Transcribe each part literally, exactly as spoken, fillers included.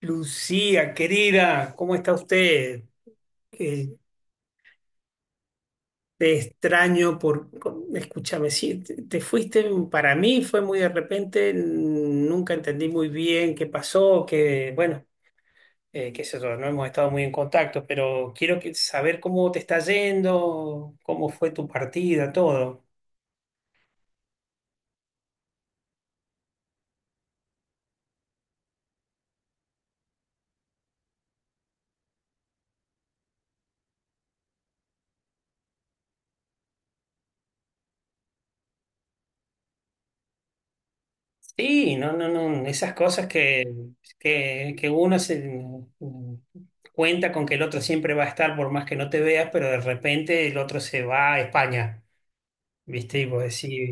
Lucía, querida, ¿cómo está usted? Eh, Te extraño por... Escúchame, sí, te, te fuiste, para mí fue muy de repente, nunca entendí muy bien qué pasó, que, bueno, eh, qué sé yo, no hemos estado muy en contacto, pero quiero que- saber cómo te está yendo, cómo fue tu partida, todo. Sí, no, no, no, esas cosas que, que, que uno se mm, cuenta con que el otro siempre va a estar por más que no te veas, pero de repente el otro se va a España, ¿viste? Y vos decís,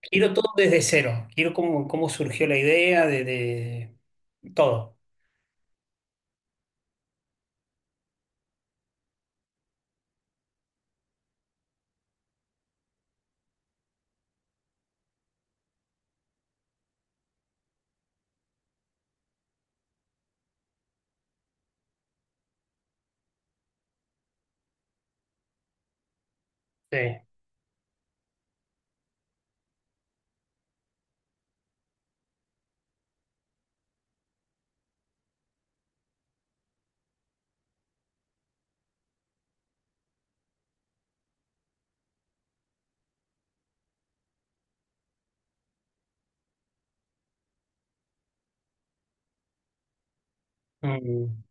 quiero todo desde cero, quiero cómo, cómo surgió la idea de, de todo. Sí, mm,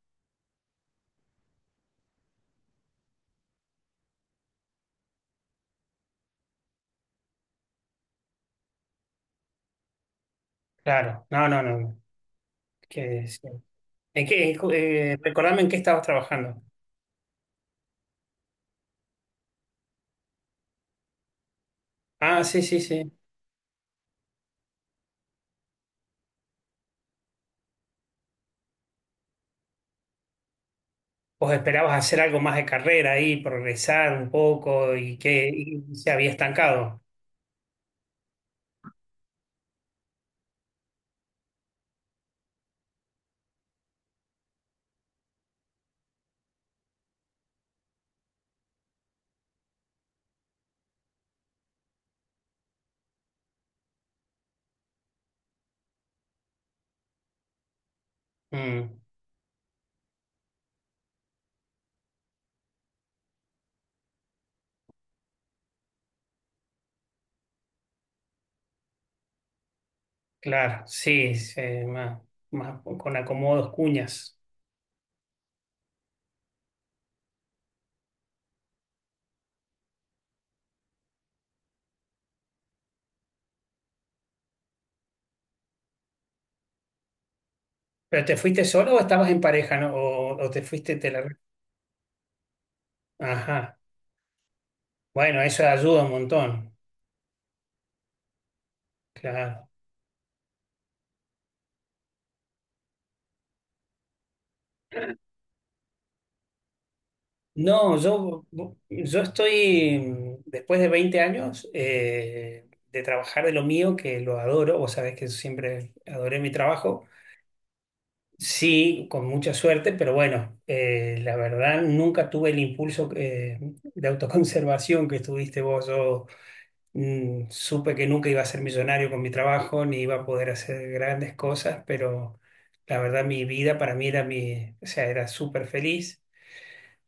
claro, no, no, no, que sí. ¿En qué, en cu- eh, Recordame en qué estabas trabajando. Ah, sí, sí, sí. ¿Vos esperabas hacer algo más de carrera ahí, progresar un poco y que y se había estancado? Mm, claro, sí, sí, más, más con acomodos, cuñas. ¿Pero te fuiste solo o estabas en pareja, no? ¿O, o te fuiste te la- Ajá. Bueno, eso ayuda un montón. Claro. No, yo, yo estoy, mm, después de veinte años eh, de trabajar de lo mío, que lo adoro, vos sabés que siempre adoré mi trabajo. Sí, con mucha suerte, pero bueno, eh, la verdad nunca tuve el impulso eh, de autoconservación que tuviste vos. Yo mm, supe que nunca iba a ser millonario con mi trabajo, ni iba a poder hacer grandes cosas, pero la verdad mi vida para mí era mi, o sea, era súper feliz.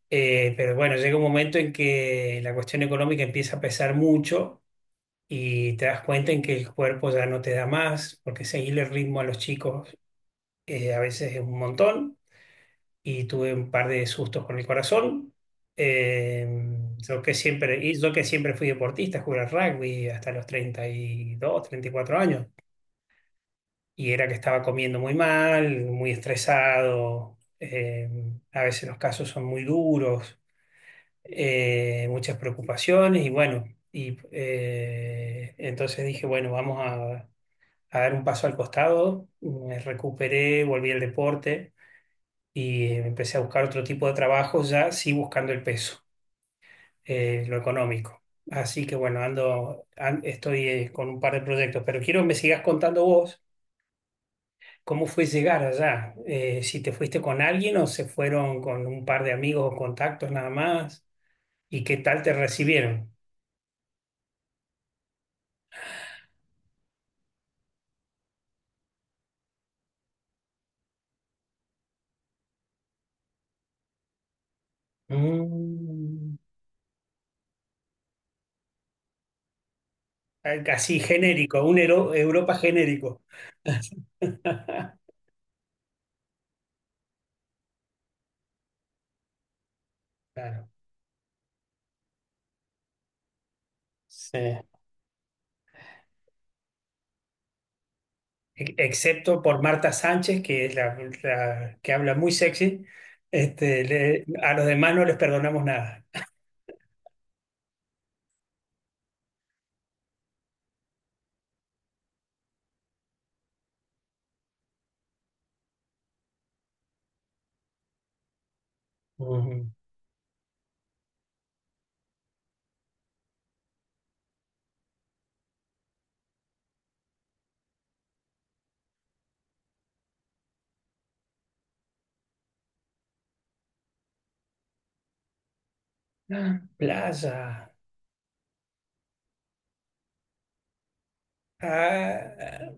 Eh, pero bueno, llega un momento en que la cuestión económica empieza a pesar mucho y te das cuenta en que el cuerpo ya no te da más, porque seguirle el ritmo a los chicos eh, a veces es un montón y tuve un par de sustos con el corazón. Eh, yo que siempre, y yo que siempre fui deportista, jugué al rugby hasta los treinta treinta y dos, treinta y cuatro años. Y era que estaba comiendo muy mal, muy estresado. Eh, a veces los casos son muy duros, eh, muchas preocupaciones. Y bueno, y, eh, entonces dije, bueno, vamos a, a dar un paso al costado. Me recuperé, volví al deporte y empecé a buscar otro tipo de trabajo, ya sí buscando el peso, eh, lo económico. Así que bueno, ando, an- estoy eh, con un par de proyectos, pero quiero que me sigas contando vos cómo fue llegar allá, eh, si te fuiste con alguien o se fueron con un par de amigos o contactos nada más, y qué tal te recibieron. Mm, Así genérico, un Euro- Europa genérico. Claro. Sí. E- excepto por Marta Sánchez, que es la, la que habla muy sexy, este, le- a los demás no les perdonamos nada. Ujú. Ah, playa. Ah,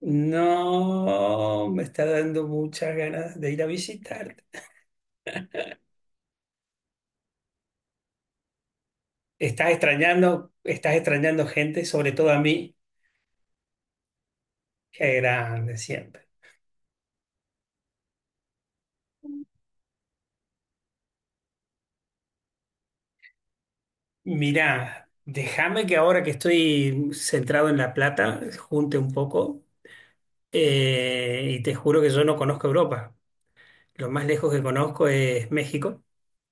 no, me está dando muchas ganas de ir a visitarte. Estás extrañando, estás extrañando gente, sobre todo a mí. Qué grande siempre. Mirá, déjame que ahora que estoy centrado en La Plata, junte un poco, eh, y te juro que yo no conozco Europa. Lo más lejos que conozco es México.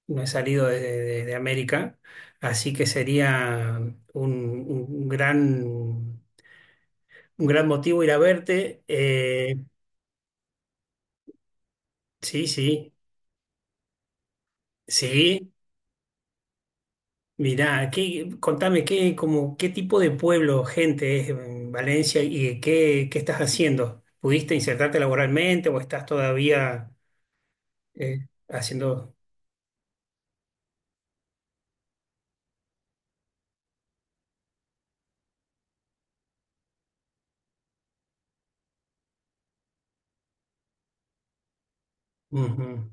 No he salido de, de- de América, así que sería un, un gran, un gran motivo ir a verte. Eh, sí, sí, sí. Mirá, ¿qué, contame qué, como, qué tipo de pueblo, gente es en Valencia y qué, qué estás haciendo? ¿Pudiste insertarte laboralmente o estás todavía eh, haciendo? Ujú.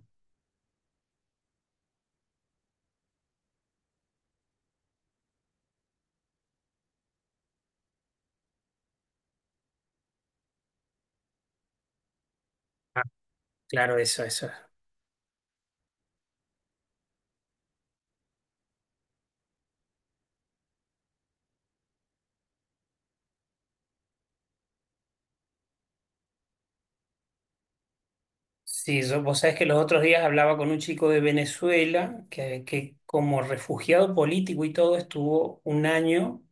Ah, claro, eso, eso. Sí, yo, vos sabés que los otros días hablaba con un chico de Venezuela que, que como refugiado político y todo estuvo un año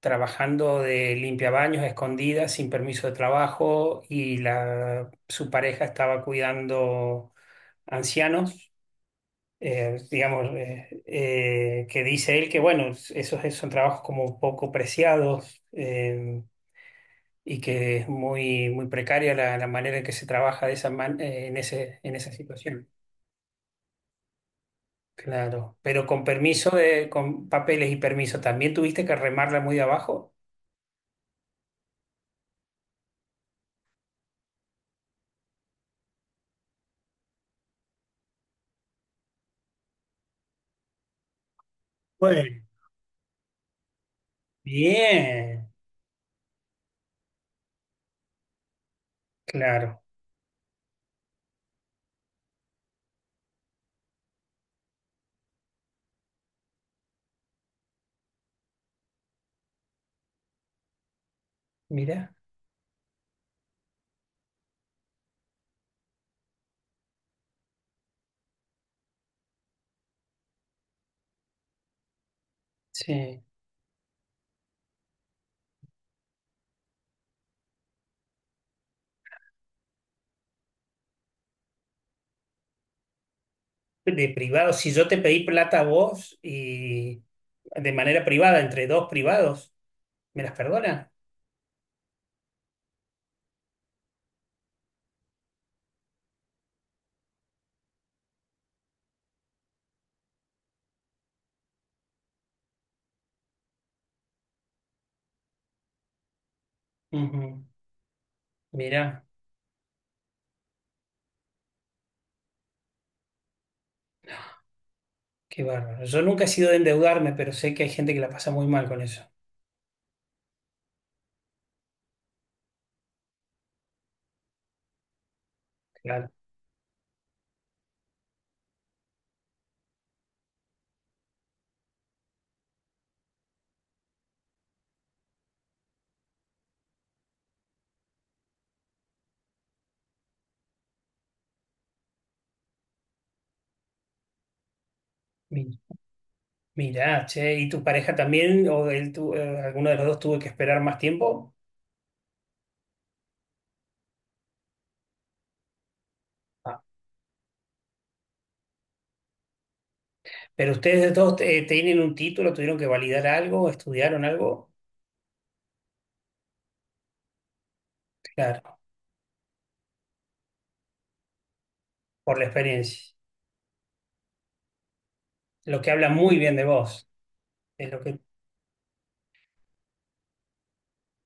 trabajando de limpiabaños a escondidas, sin permiso de trabajo y la, su pareja estaba cuidando ancianos, eh, digamos, eh, eh, que dice él que bueno, esos son trabajos como poco preciados. Eh, y que es muy, muy precaria la, la manera en que se trabaja de esa man- eh, en ese, en esa situación. Claro, pero con permiso de, con papeles y permiso, ¿también tuviste que remarla muy de abajo? Bueno, bien, claro, mira, sí. De privado, si yo te pedí plata a vos y de manera privada, entre dos privados, ¿me las perdona? Ujú. Mira, qué bárbaro. Yo nunca he sido de endeudarme, pero sé que hay gente que la pasa muy mal con eso. Claro. Mi- Mira, che, ¿y tu pareja también o él tu- eh, alguno de los dos tuvo que esperar más tiempo? Pero ustedes de todos eh, tienen un título, tuvieron que validar algo, estudiaron algo, claro, por la experiencia. Lo que habla muy bien de vos, es lo que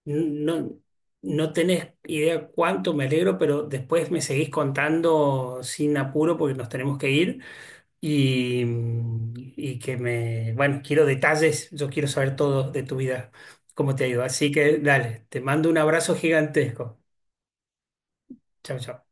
no, no tenés idea cuánto me alegro, pero después me seguís contando sin apuro porque nos tenemos que ir y, y que me, bueno, quiero detalles, yo quiero saber todo de tu vida, cómo te ha ido. Así que dale, te mando un abrazo gigantesco. Chao, chao.